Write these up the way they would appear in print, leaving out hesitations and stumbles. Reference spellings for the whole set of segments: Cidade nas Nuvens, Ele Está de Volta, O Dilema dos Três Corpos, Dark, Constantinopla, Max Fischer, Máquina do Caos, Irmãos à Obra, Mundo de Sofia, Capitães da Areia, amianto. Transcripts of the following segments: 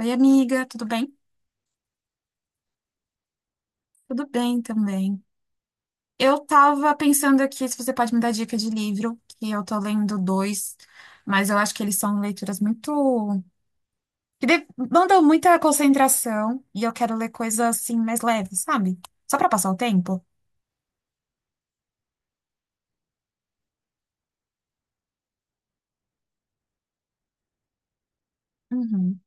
Oi, amiga, tudo bem? Tudo bem também. Eu tava pensando aqui se você pode me dar dica de livro, que eu tô lendo dois, mas eu acho que eles são leituras muito que demandam muita concentração e eu quero ler coisas assim mais leves, sabe? Só pra passar o tempo. Uhum.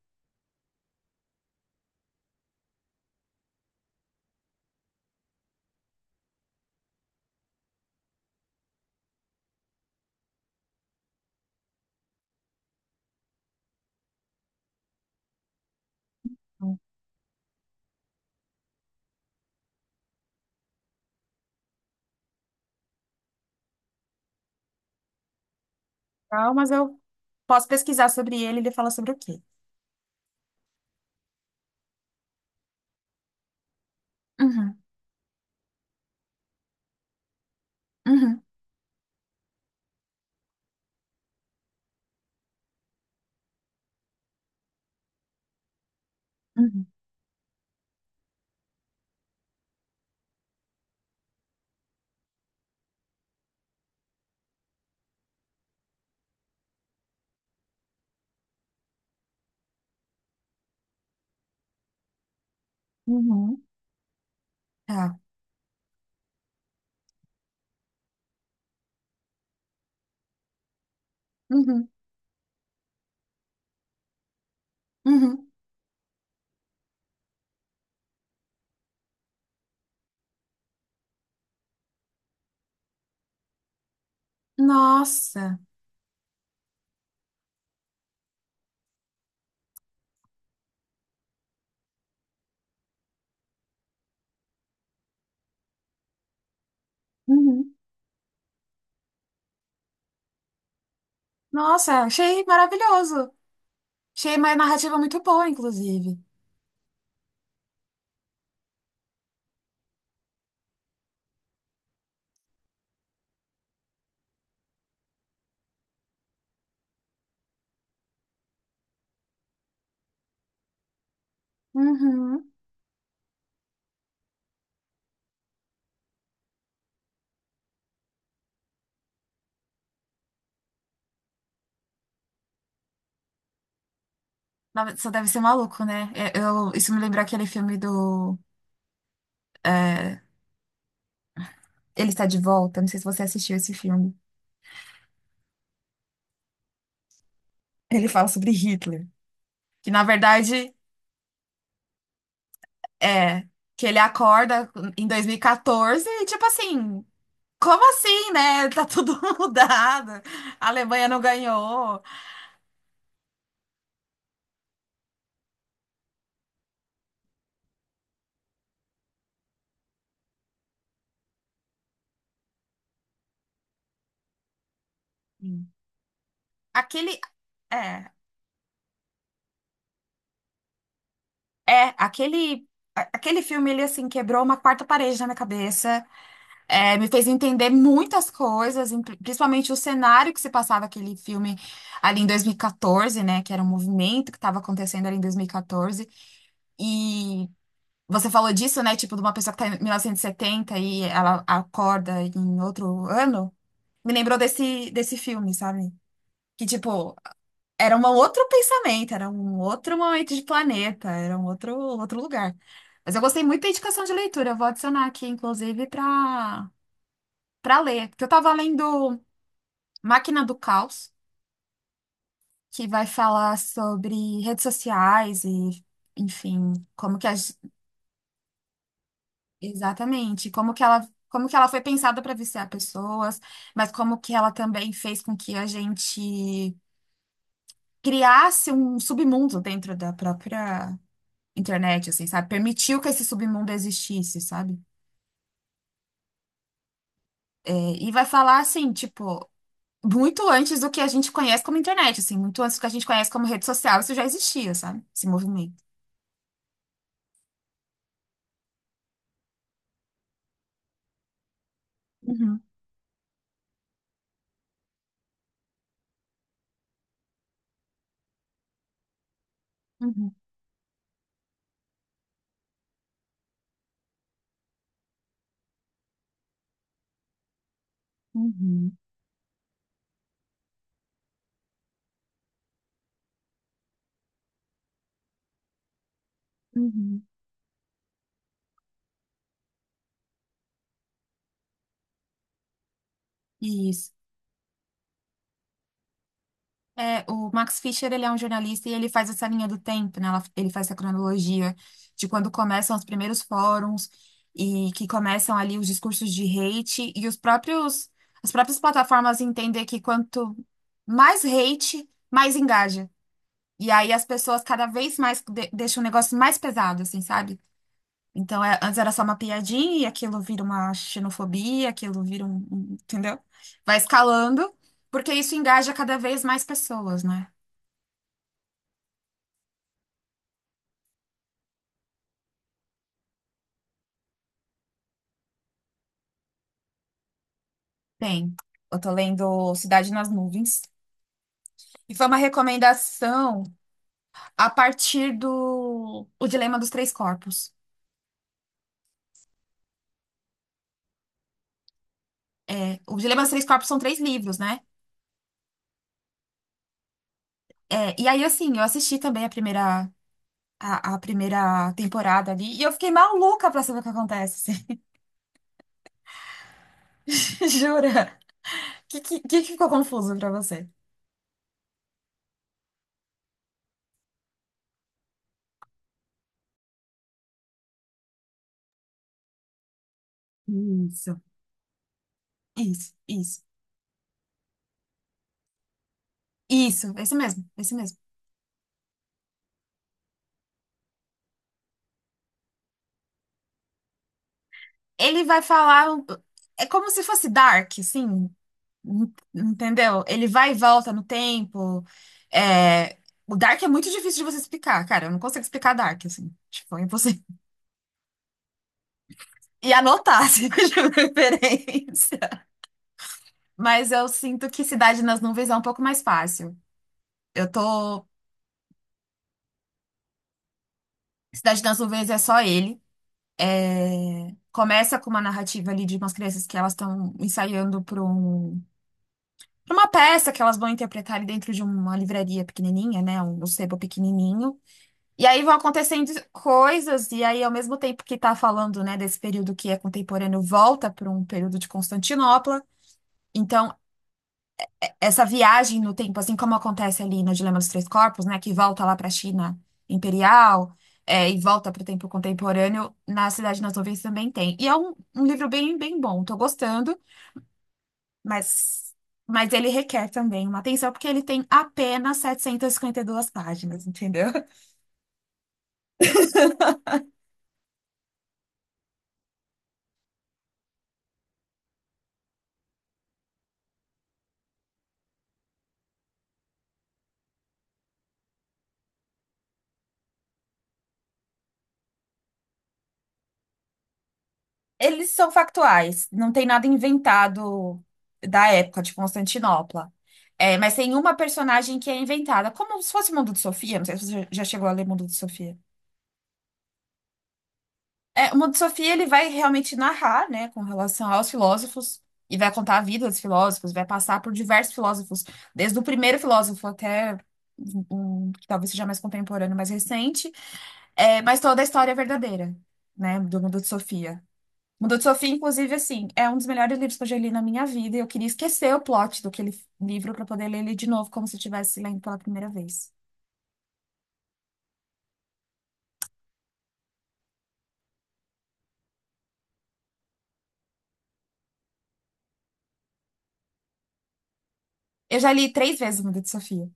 Então, mas eu posso pesquisar sobre ele e ele fala sobre o quê? Uhum, uhum, uhum, uhum, tá. Uhum, uhum. Nossa, uhum. Nossa, achei maravilhoso. Achei uma narrativa muito boa, inclusive. Uhum. Nossa, só deve ser maluco, né? É, isso me lembrou aquele filme do. é, Ele Está de Volta. Não sei se você assistiu esse filme. Ele fala sobre Hitler. Que na verdade é que ele acorda em 2014 e quatorze e tipo assim. Como assim, né? Tá tudo mudado. A Alemanha não ganhou. Sim. Aquele. É, aquele. Aquele filme, ele assim, quebrou uma quarta parede na minha cabeça. É, me fez entender muitas coisas, principalmente o cenário que se passava aquele filme ali em 2014, né? Que era um movimento que estava acontecendo ali em 2014. E quatorze. E você falou disso, né? Tipo, de uma pessoa que está em 1970 e setenta e ela acorda em outro ano. Me lembrou desse filme, sabe? Que, tipo, era um outro pensamento, era um outro momento de planeta, era um outro lugar. Mas eu gostei muito da indicação de leitura, eu vou adicionar aqui, inclusive, para ler, porque eu tava lendo Máquina do Caos, que vai falar sobre redes sociais e, enfim, como que exatamente, como que ela foi pensada para viciar pessoas, mas como que ela também fez com que a gente criasse um submundo dentro da própria internet, assim, sabe? Permitiu que esse submundo existisse, sabe? É, e vai falar assim, tipo, muito antes do que a gente conhece como internet, assim, muito antes do que a gente conhece como rede social, isso já existia, sabe? Esse movimento. Uhum, uhum, uhum, uhum. Isso. É, o Max Fischer, ele é um jornalista e ele faz essa linha do tempo, né? Ele faz essa cronologia de quando começam os primeiros fóruns e que começam ali os discursos de hate e os próprios, as próprias plataformas entender que quanto mais hate, mais engaja. E aí as pessoas cada vez mais deixam o negócio mais pesado, assim, sabe? Então, antes era só uma piadinha e aquilo vira uma xenofobia, aquilo vira entendeu? Vai escalando, porque isso engaja cada vez mais pessoas, né? Tem. Eu tô lendo Cidade nas Nuvens. E foi uma recomendação a partir do O Dilema dos Três Corpos. É, o Dilema dos Três Corpos são três livros, né? É, e aí, assim, eu assisti também a primeira temporada ali. Isso, isso, isso, isso, esse mesmo, esse mesmo. Ele vai falar, é como se fosse Dark, assim, entendeu? Ele vai e volta no tempo. É, o Dark é muito difícil de você explicar, cara, eu não consigo explicar Dark, assim, tipo, é impossível. E anotar, assim, de preferência. Mas eu sinto que Cidade nas Nuvens é um pouco mais fácil. Eu tô. Cidade nas Nuvens é só ele. Começa com uma narrativa ali de umas crianças que elas estão ensaiando para um pra uma peça que elas vão interpretar ali dentro de uma livraria pequenininha, né? Um sebo pequenininho. E aí vão acontecendo coisas, e aí ao mesmo tempo que tá falando, né, desse período que é contemporâneo, volta para um período de Constantinopla. Então, essa viagem no tempo, assim como acontece ali no Dilema dos Três Corpos, né, que volta lá para a China imperial, é, e volta para o tempo contemporâneo, na Cidade nas Nuvens também tem. E é um livro bem, bem bom, tô gostando. Mas, mas ele requer também uma atenção, porque ele tem apenas e 52 páginas, entendeu? Eles são factuais, não tem nada inventado da época de Constantinopla. É, mas tem uma personagem que é inventada, como se fosse o Mundo de Sofia, não sei se você já chegou a ler Mundo de Sofia. É, o Mundo de Sofia, ele vai realmente narrar, né, com relação aos filósofos, e vai contar a vida dos filósofos, vai passar por diversos filósofos, desde o primeiro filósofo até um, um que talvez seja mais contemporâneo, mais recente, é, mas toda a história é verdadeira, né? Do Mundo de Sofia. Mundo de Sofia, inclusive, assim, é um dos melhores livros que eu já li na minha vida. E eu queria esquecer o plot do aquele livro para poder ler ele de novo, como se eu estivesse lendo pela primeira vez. Eu já li três vezes o Mundo de Sofia.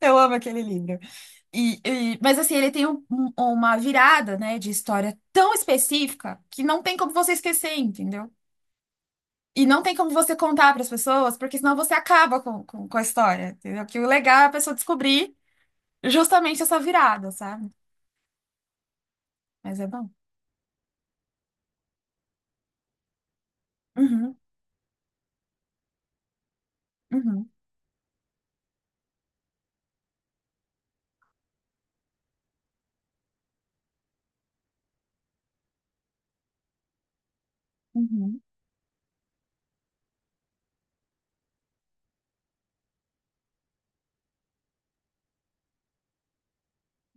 Eu amo aquele livro. E, mas assim, ele tem uma virada, né, de história tão específica que não tem como você esquecer, entendeu? E não tem como você contar para as pessoas, porque senão você acaba com a história, entendeu? Que o legal é a pessoa descobrir justamente essa virada, sabe? Mas é bom. Uhum, uhum, uhum,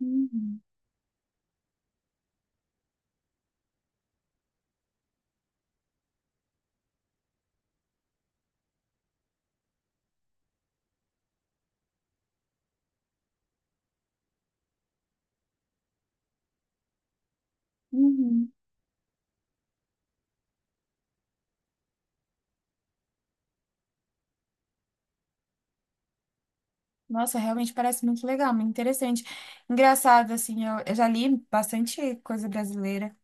uhum, uhum. Nossa, realmente parece muito legal, muito interessante. Engraçado, assim, eu já li bastante coisa brasileira.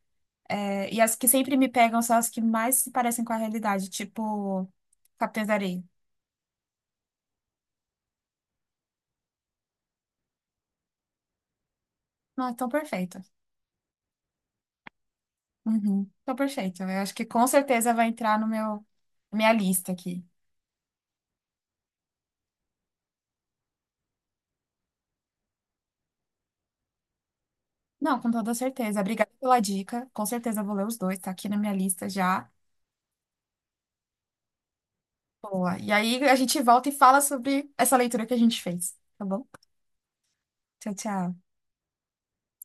É, e as que sempre me pegam são as que mais se parecem com a realidade, tipo Capitães da Areia. Não, é tão perfeito. Uhum, tão perfeito. Eu acho que com certeza vai entrar no meu, na minha lista aqui. Não, com toda certeza. Obrigada pela dica. Com certeza eu vou ler os dois, tá aqui na minha lista já. Boa. E aí a gente volta e fala sobre essa leitura que a gente fez, tá bom? Tchau, tchau.